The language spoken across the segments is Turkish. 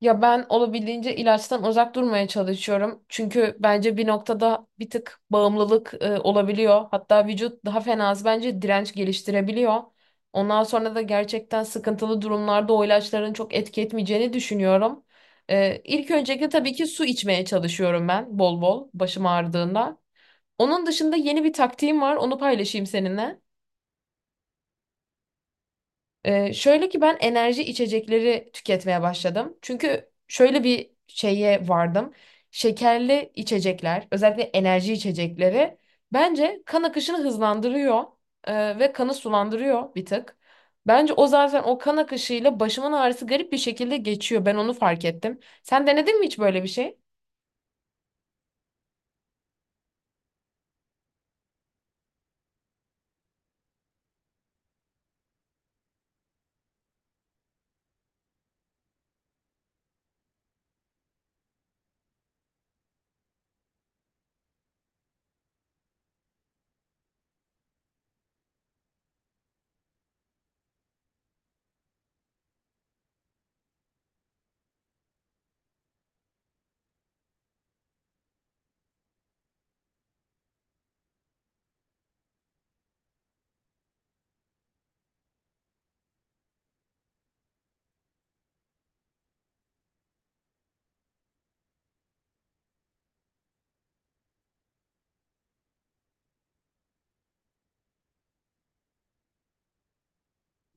Ya ben olabildiğince ilaçtan uzak durmaya çalışıyorum. Çünkü bence bir noktada bir tık bağımlılık olabiliyor. Hatta vücut daha fenası bence direnç geliştirebiliyor. Ondan sonra da gerçekten sıkıntılı durumlarda o ilaçların çok etki etmeyeceğini düşünüyorum. İlk öncelikle tabii ki su içmeye çalışıyorum ben bol bol başım ağrıdığında. Onun dışında yeni bir taktiğim var, onu paylaşayım seninle. Şöyle ki ben enerji içecekleri tüketmeye başladım. Çünkü şöyle bir şeye vardım. Şekerli içecekler, özellikle enerji içecekleri bence kan akışını hızlandırıyor ve kanı sulandırıyor bir tık. Bence o zaten o kan akışıyla başımın ağrısı garip bir şekilde geçiyor. Ben onu fark ettim. Sen denedin mi hiç böyle bir şey?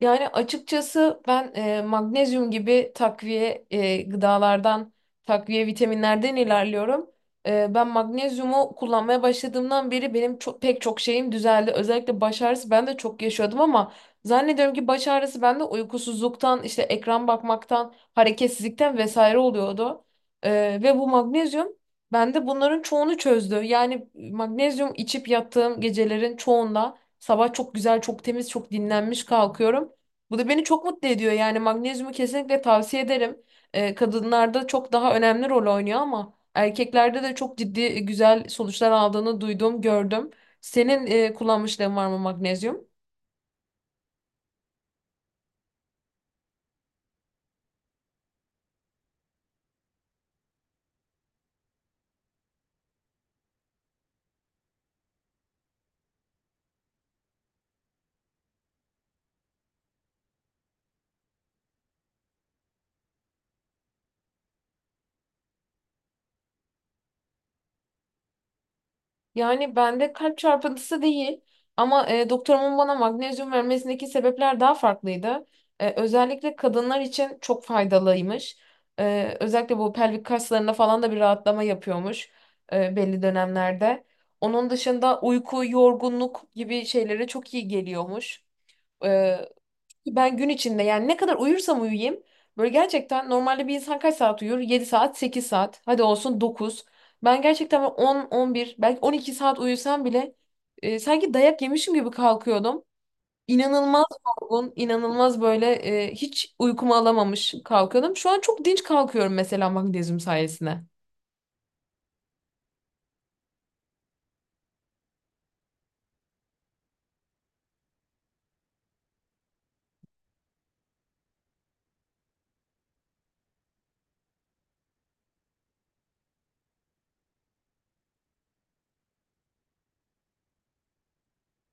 Yani açıkçası ben magnezyum gibi takviye gıdalardan, takviye vitaminlerden ilerliyorum. Ben magnezyumu kullanmaya başladığımdan beri benim çok, pek çok şeyim düzeldi. Özellikle baş ağrısı ben de çok yaşıyordum ama zannediyorum ki baş ağrısı bende uykusuzluktan, işte ekran bakmaktan, hareketsizlikten vesaire oluyordu. Ve bu magnezyum bende bunların çoğunu çözdü. Yani magnezyum içip yattığım gecelerin çoğunda sabah çok güzel, çok temiz, çok dinlenmiş kalkıyorum. Bu da beni çok mutlu ediyor. Yani magnezyumu kesinlikle tavsiye ederim. Kadınlarda çok daha önemli rol oynuyor ama erkeklerde de çok ciddi güzel sonuçlar aldığını duydum, gördüm. Senin kullanmışlığın var mı magnezyum? Yani bende kalp çarpıntısı değil ama doktorumun bana magnezyum vermesindeki sebepler daha farklıydı. Özellikle kadınlar için çok faydalıymış. Özellikle bu pelvik kaslarında falan da bir rahatlama yapıyormuş belli dönemlerde. Onun dışında uyku, yorgunluk gibi şeylere çok iyi geliyormuş. E, Ben gün içinde yani ne kadar uyursam uyuyayım böyle gerçekten normalde bir insan kaç saat uyur? 7 saat, 8 saat. Hadi olsun 9. Ben gerçekten böyle 10, 11 belki 12 saat uyusam bile sanki dayak yemişim gibi kalkıyordum. İnanılmaz yorgun, inanılmaz böyle hiç uykumu alamamış kalkıyordum. Şu an çok dinç kalkıyorum mesela magnezyum sayesinde.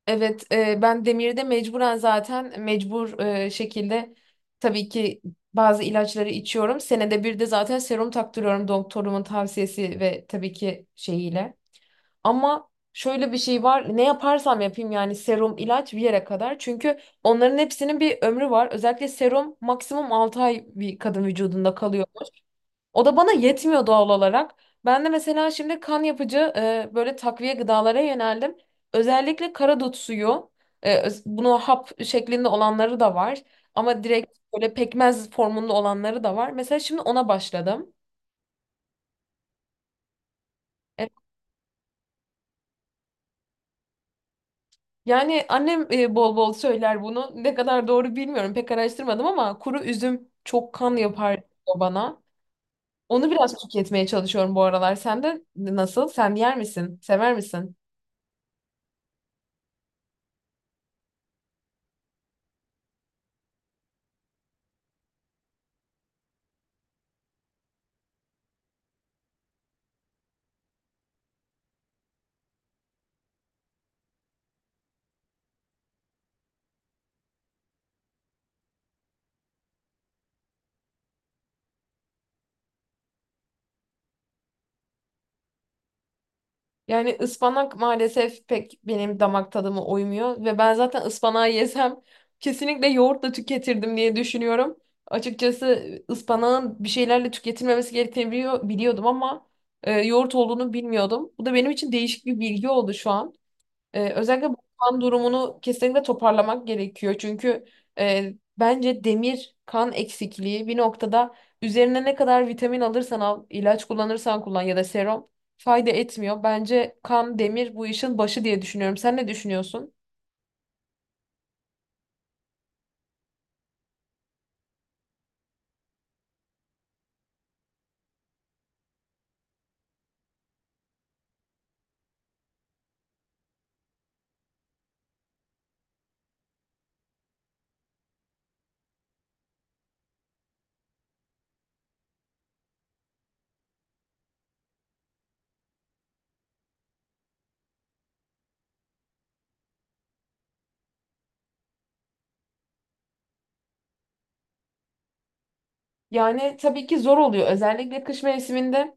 Evet, ben Demir'de mecburen zaten mecbur şekilde tabii ki bazı ilaçları içiyorum. Senede bir de zaten serum taktırıyorum doktorumun tavsiyesi ve tabii ki şeyiyle. Ama şöyle bir şey var. Ne yaparsam yapayım yani serum, ilaç bir yere kadar. Çünkü onların hepsinin bir ömrü var. Özellikle serum maksimum 6 ay bir kadın vücudunda kalıyor. O da bana yetmiyor doğal olarak. Ben de mesela şimdi kan yapıcı böyle takviye gıdalara yöneldim. Özellikle karadut suyu, bunu hap şeklinde olanları da var. Ama direkt böyle pekmez formunda olanları da var. Mesela şimdi ona başladım. E, Yani annem bol bol söyler bunu. Ne kadar doğru bilmiyorum, pek araştırmadım ama kuru üzüm çok kan yapar diyor bana. Onu biraz tüketmeye çalışıyorum bu aralar. Sen de nasıl? Sen yer misin? Sever misin? Yani ıspanak maalesef pek benim damak tadıma uymuyor ve ben zaten ıspanağı yesem kesinlikle yoğurtla tüketirdim diye düşünüyorum. Açıkçası ıspanağın bir şeylerle tüketilmemesi gerektiğini biliyordum ama yoğurt olduğunu bilmiyordum. Bu da benim için değişik bir bilgi oldu şu an. Özellikle bu kan durumunu kesinlikle toparlamak gerekiyor. Çünkü e, bence demir kan eksikliği bir noktada üzerine ne kadar vitamin alırsan al, ilaç kullanırsan kullan ya da serum fayda etmiyor. Bence kan, demir bu işin başı diye düşünüyorum. Sen ne düşünüyorsun? Yani tabii ki zor oluyor. Özellikle kış mevsiminde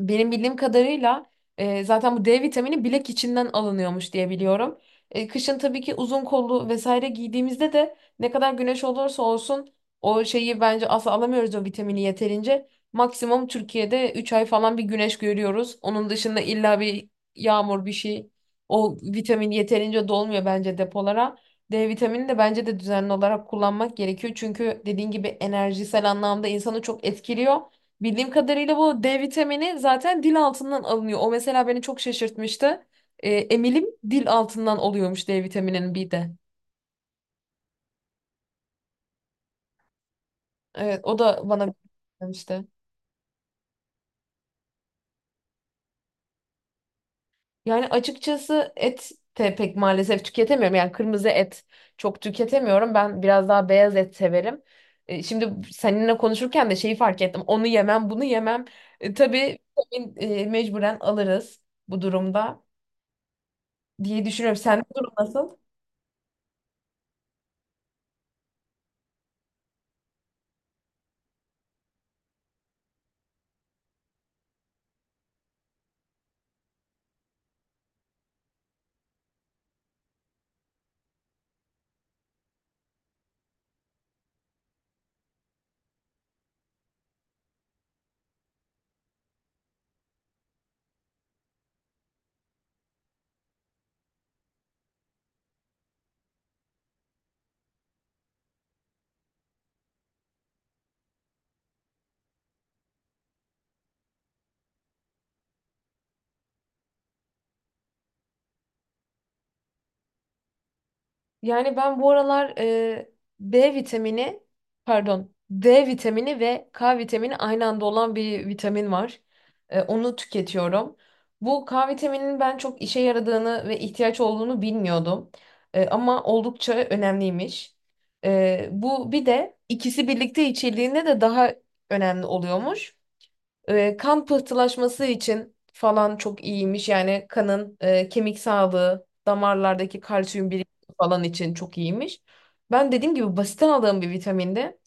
benim bildiğim kadarıyla zaten bu D vitamini bilek içinden alınıyormuş diye biliyorum. Kışın tabii ki uzun kollu vesaire giydiğimizde de ne kadar güneş olursa olsun o şeyi bence asla alamıyoruz o vitamini yeterince. Maksimum Türkiye'de 3 ay falan bir güneş görüyoruz. Onun dışında illa bir yağmur bir şey. O vitamin yeterince dolmuyor bence depolara. D vitamini de bence de düzenli olarak kullanmak gerekiyor. Çünkü dediğin gibi enerjisel anlamda insanı çok etkiliyor. Bildiğim kadarıyla bu D vitamini zaten dil altından alınıyor. O mesela beni çok şaşırtmıştı. Emilim dil altından oluyormuş D vitamininin bir de. Evet, o da bana demişti. Yani açıkçası et de pek maalesef tüketemiyorum. Yani kırmızı et çok tüketemiyorum. Ben biraz daha beyaz et severim. Şimdi seninle konuşurken de şeyi fark ettim. Onu yemem, bunu yemem. Tabii vitamin, mecburen alırız bu durumda, diye düşünüyorum. Sende durum nasıl? Yani ben bu aralar B vitamini, D vitamini ve K vitamini aynı anda olan bir vitamin var. Onu tüketiyorum. Bu K vitamininin ben çok işe yaradığını ve ihtiyaç olduğunu bilmiyordum. Ama oldukça önemliymiş. Bu bir de ikisi birlikte içildiğinde de daha önemli oluyormuş. Kan pıhtılaşması için falan çok iyiymiş. Yani kanın kemik sağlığı, damarlardaki kalsiyum birikimi falan için çok iyiymiş. Ben dediğim gibi basitten aldığım bir vitaminde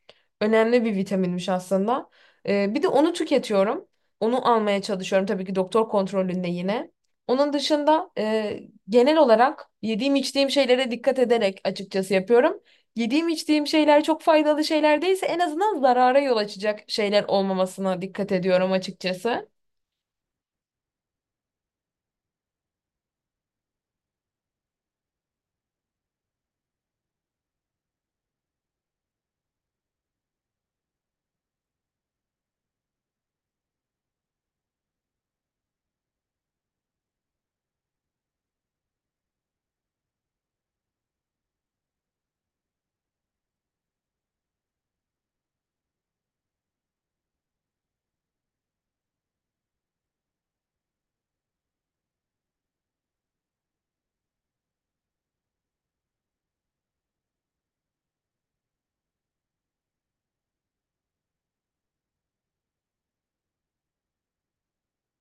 önemli bir vitaminmiş aslında. Bir de onu tüketiyorum. Onu almaya çalışıyorum tabii ki doktor kontrolünde yine. Onun dışında genel olarak yediğim içtiğim şeylere dikkat ederek açıkçası yapıyorum. Yediğim içtiğim şeyler çok faydalı şeyler değilse en azından zarara yol açacak şeyler olmamasına dikkat ediyorum açıkçası.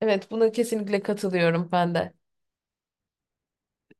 Evet, buna kesinlikle katılıyorum ben de.